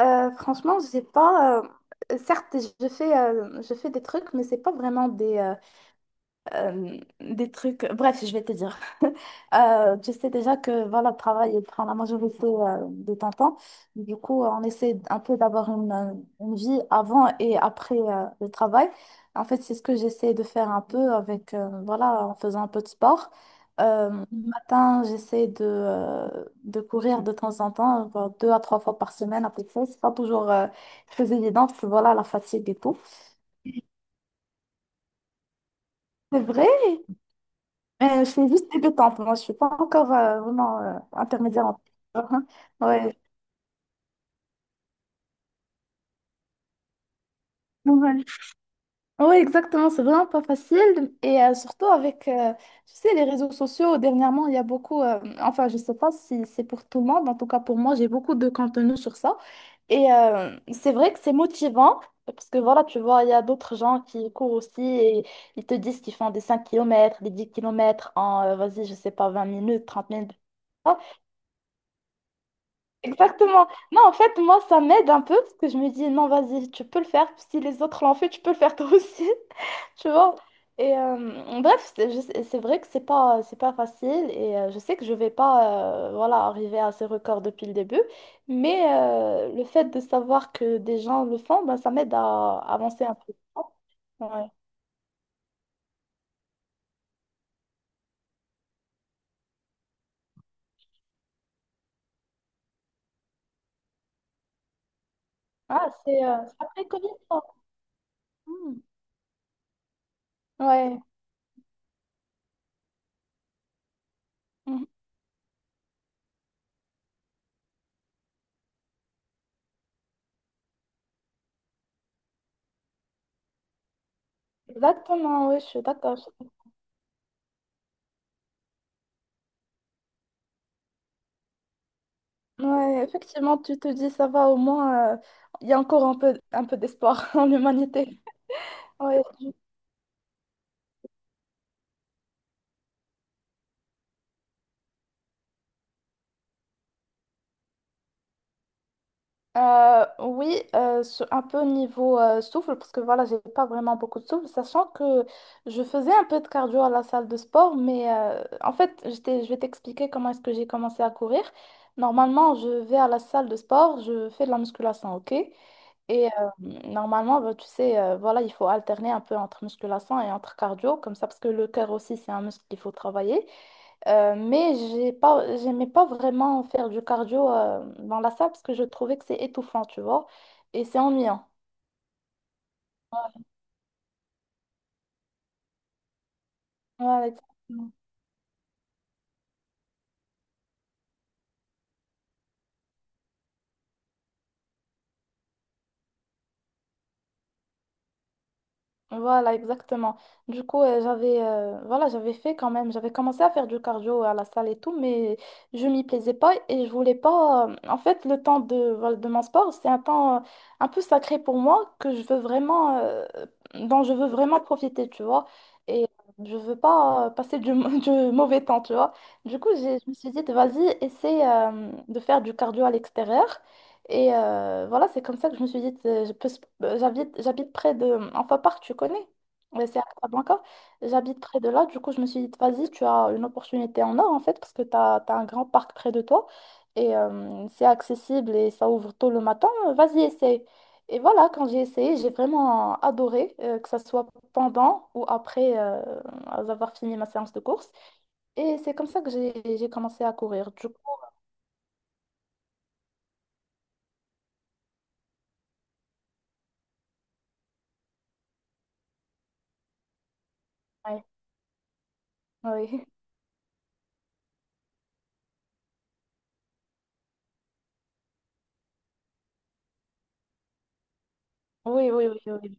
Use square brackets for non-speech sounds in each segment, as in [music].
Franchement, j'ai pas. Certes, je fais des trucs, mais c'est pas vraiment des trucs. Bref, je vais te dire. [laughs] Tu sais déjà que voilà, le travail il prend la majorité de ton temps. Du coup, on essaie un peu d'avoir une vie avant et après le travail. En fait, c'est ce que j'essaie de faire un peu avec, voilà, en faisant un peu de sport. Le matin, j'essaie de courir de temps en temps, genre deux à trois fois par semaine à peu près. C'est pas toujours très évident parce que voilà, la fatigue et tout. C'est vrai. Je suis juste débutante, moi, je suis pas encore vraiment intermédiaire. Uhum. Ouais. Ouais. Ouais, exactement, c'est vraiment pas facile. Surtout avec, tu sais, les réseaux sociaux, dernièrement, il y a enfin, je sais pas si c'est pour tout le monde, en tout cas pour moi, j'ai beaucoup de contenu sur ça. C'est vrai que c'est motivant, parce que voilà, tu vois, il y a d'autres gens qui courent aussi et ils te disent qu'ils font des 5 km des 10 km en, vas-y, je sais pas, 20 minutes, 30 minutes. Exactement. Non, en fait, moi, ça m'aide un peu parce que je me dis, non, vas-y, tu peux le faire. Si les autres l'ont fait, tu peux le faire toi aussi. [laughs] Tu vois? Bref, c'est vrai que c'est pas facile et je sais que je vais pas voilà, arriver à ces records depuis le début, mais le fait de savoir que des gens le font, ben, ça m'aide à avancer un peu. Ouais. Ah, c'est après Covid, ça. Hmm. Ouais. Mhm. Exactement, oui, je suis d'accord. Ouais, effectivement, tu te dis, ça va, au moins, il y a encore un peu d'espoir [laughs] en l'humanité. Ouais. Oui, un peu niveau souffle, parce que voilà, j'ai pas vraiment beaucoup de souffle, sachant que je faisais un peu de cardio à la salle de sport, mais en fait, je vais t'expliquer comment est-ce que j'ai commencé à courir. Normalement, je vais à la salle de sport, je fais de la musculation, ok? Et euh, Normalement, bah, tu sais, voilà, il faut alterner un peu entre musculation et entre cardio, comme ça, parce que le cœur aussi, c'est un muscle qu'il faut travailler. Mais j'aimais pas vraiment faire du cardio dans la salle, parce que je trouvais que c'est étouffant, tu vois, et c'est ennuyant. Ouais, ouais, exactement. Voilà, exactement. Du coup, j'avais fait quand même, j'avais commencé à faire du cardio à la salle et tout, mais je m'y plaisais pas et je voulais pas. En fait, le temps de mon sport, c'est un temps un peu sacré pour moi que je veux vraiment, dont je veux vraiment profiter, tu vois. Et je veux pas passer [laughs] du mauvais temps, tu vois. Du coup, je me suis dit, vas-y, essaie de faire du cardio à l'extérieur. Voilà, c'est comme ça que je me suis dit, j'habite près de Enfin parc tu connais. C'est à Casablanca. J'habite près de là, du coup, je me suis dit, vas-y, tu as une opportunité en or en fait, parce que tu as, un grand parc près de toi et c'est accessible et ça ouvre tôt le matin. Vas-y, essaye. Et voilà, quand j'ai essayé, j'ai vraiment adoré, que ça soit pendant ou après avoir fini ma séance de course. Et c'est comme ça que j'ai commencé à courir. Du coup, ouais, oui, [laughs] oui, oui, oui. Oui.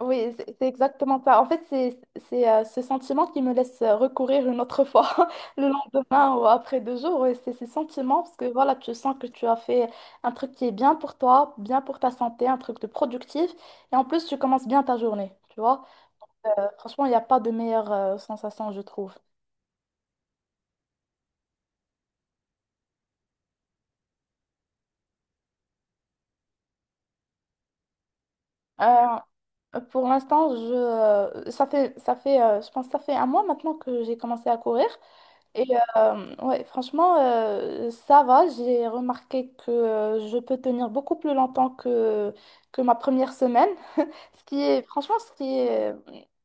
Oui, c'est exactement ça. En fait, ce sentiment qui me laisse recourir une autre fois [laughs] le lendemain ou après 2 jours. Et c'est ces sentiments parce que voilà, tu sens que tu as fait un truc qui est bien pour toi, bien pour ta santé, un truc de productif. Et en plus, tu commences bien ta journée. Tu vois. Franchement, il n'y a pas de meilleure sensation, je trouve. Euh, pour l'instant, je ça fait je pense que ça fait un mois maintenant que j'ai commencé à courir. Et ouais, franchement, ça va. J'ai remarqué que je peux tenir beaucoup plus longtemps que ma première semaine. Franchement, ce qui est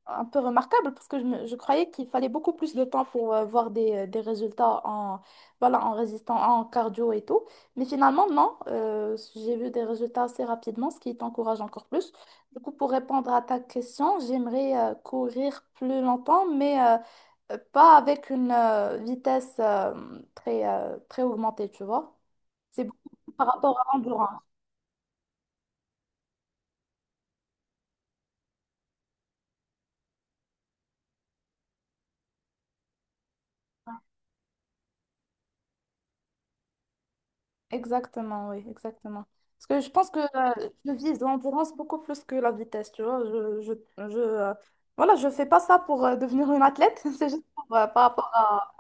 un peu remarquable parce que je croyais qu'il fallait beaucoup plus de temps pour voir des résultats voilà, en résistant, en cardio et tout. Mais finalement, non, j'ai vu des résultats assez rapidement, ce qui t'encourage encore plus. Du coup, pour répondre à ta question, j'aimerais courir plus longtemps, mais pas avec une vitesse très augmentée, tu vois. C'est beaucoup par rapport à l'endurance. Exactement, oui, exactement. Parce que je pense que je vise l'endurance beaucoup plus que la vitesse, tu vois. Je, euh, voilà, je fais pas ça pour devenir une athlète, [laughs] c'est juste par rapport à...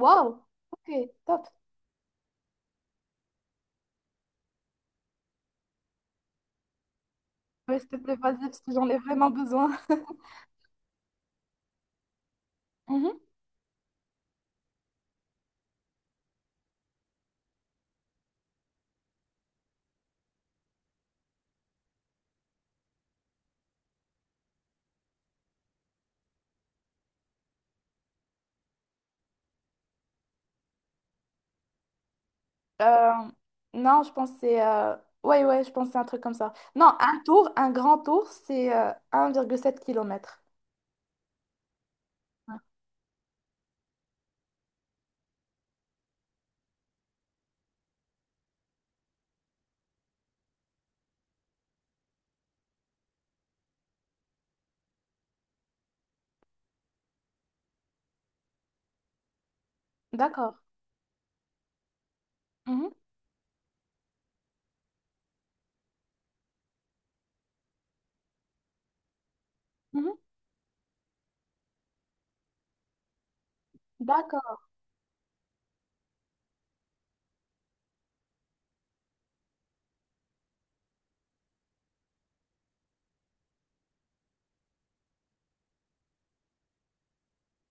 Waouh! Ok, top. Ouais, s'il te plaît, vas-y, parce que j'en ai vraiment besoin. [laughs] Mhm. Euh, non, je pense que c'est... Ouais, ouais, je pense que c'est un truc comme ça. Non, un grand tour, c'est 1,7 km. D'accord. Mhm. Mhm. D'accord.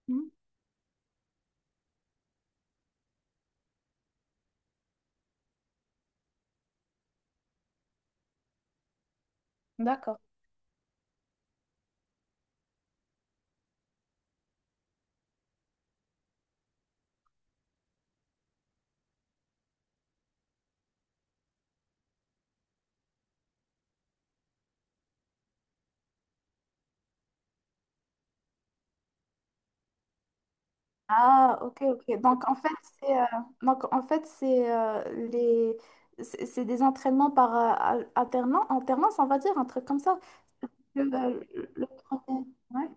Mhm. D'accord. Ah, ok, ok. C'est euh, donc, en fait, c'est les... c'est des entraînements par alternance, alternance, on va dire, un truc comme ça. Le, le premier. Ouais.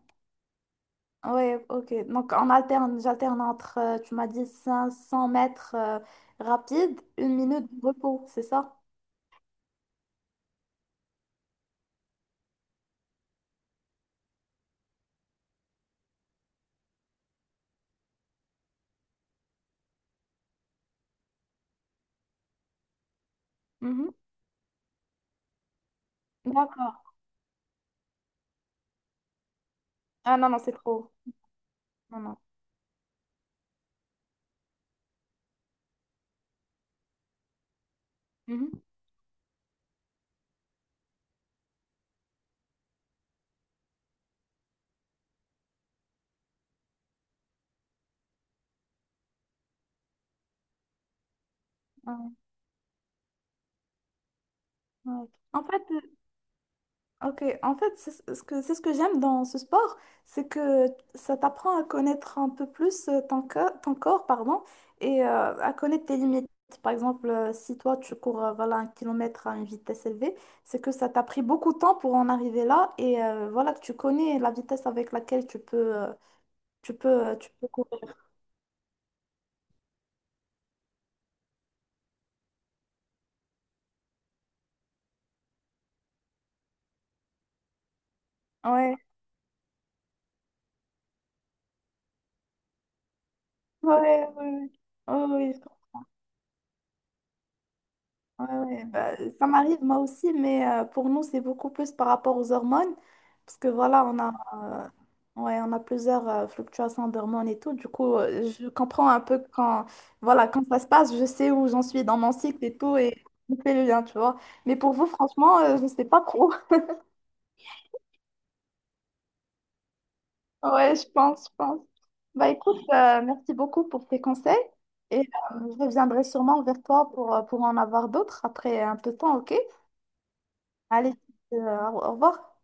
Ouais, ok. Donc, j'alterne entre, tu m'as dit, 500 mètres rapide, une minute de repos, c'est ça? Mhm. D'accord. Ah non, non, c'est trop. Non, non. Mhm. Ouais, ouais. En fait, euh, ok, en fait, c'est ce que j'aime dans ce sport, c'est que ça t'apprend à connaître un peu plus ton corps, pardon, et à connaître tes limites. Par exemple, si toi tu cours voilà, un kilomètre à une vitesse élevée, c'est que ça t'a pris beaucoup de temps pour en arriver là, et voilà que tu connais la vitesse avec laquelle tu peux courir. Ouais, ouais, ouais. Ouais. Oh, oui. Ouais, ouais, bah, ça m'arrive moi aussi, mais pour nous, c'est beaucoup plus par rapport aux hormones, parce que voilà, on a plusieurs fluctuations d'hormones et tout. Du coup, je comprends un peu voilà, quand ça se passe, je sais où j'en suis dans mon cycle et tout, et je fais le lien, tu vois. Mais pour vous, franchement, je ne sais pas trop. [laughs] Ouais, je pense, je pense. Bah écoute, merci beaucoup pour tes conseils, et je reviendrai sûrement vers toi pour en avoir d'autres après un peu de temps, ok? Allez, au revoir.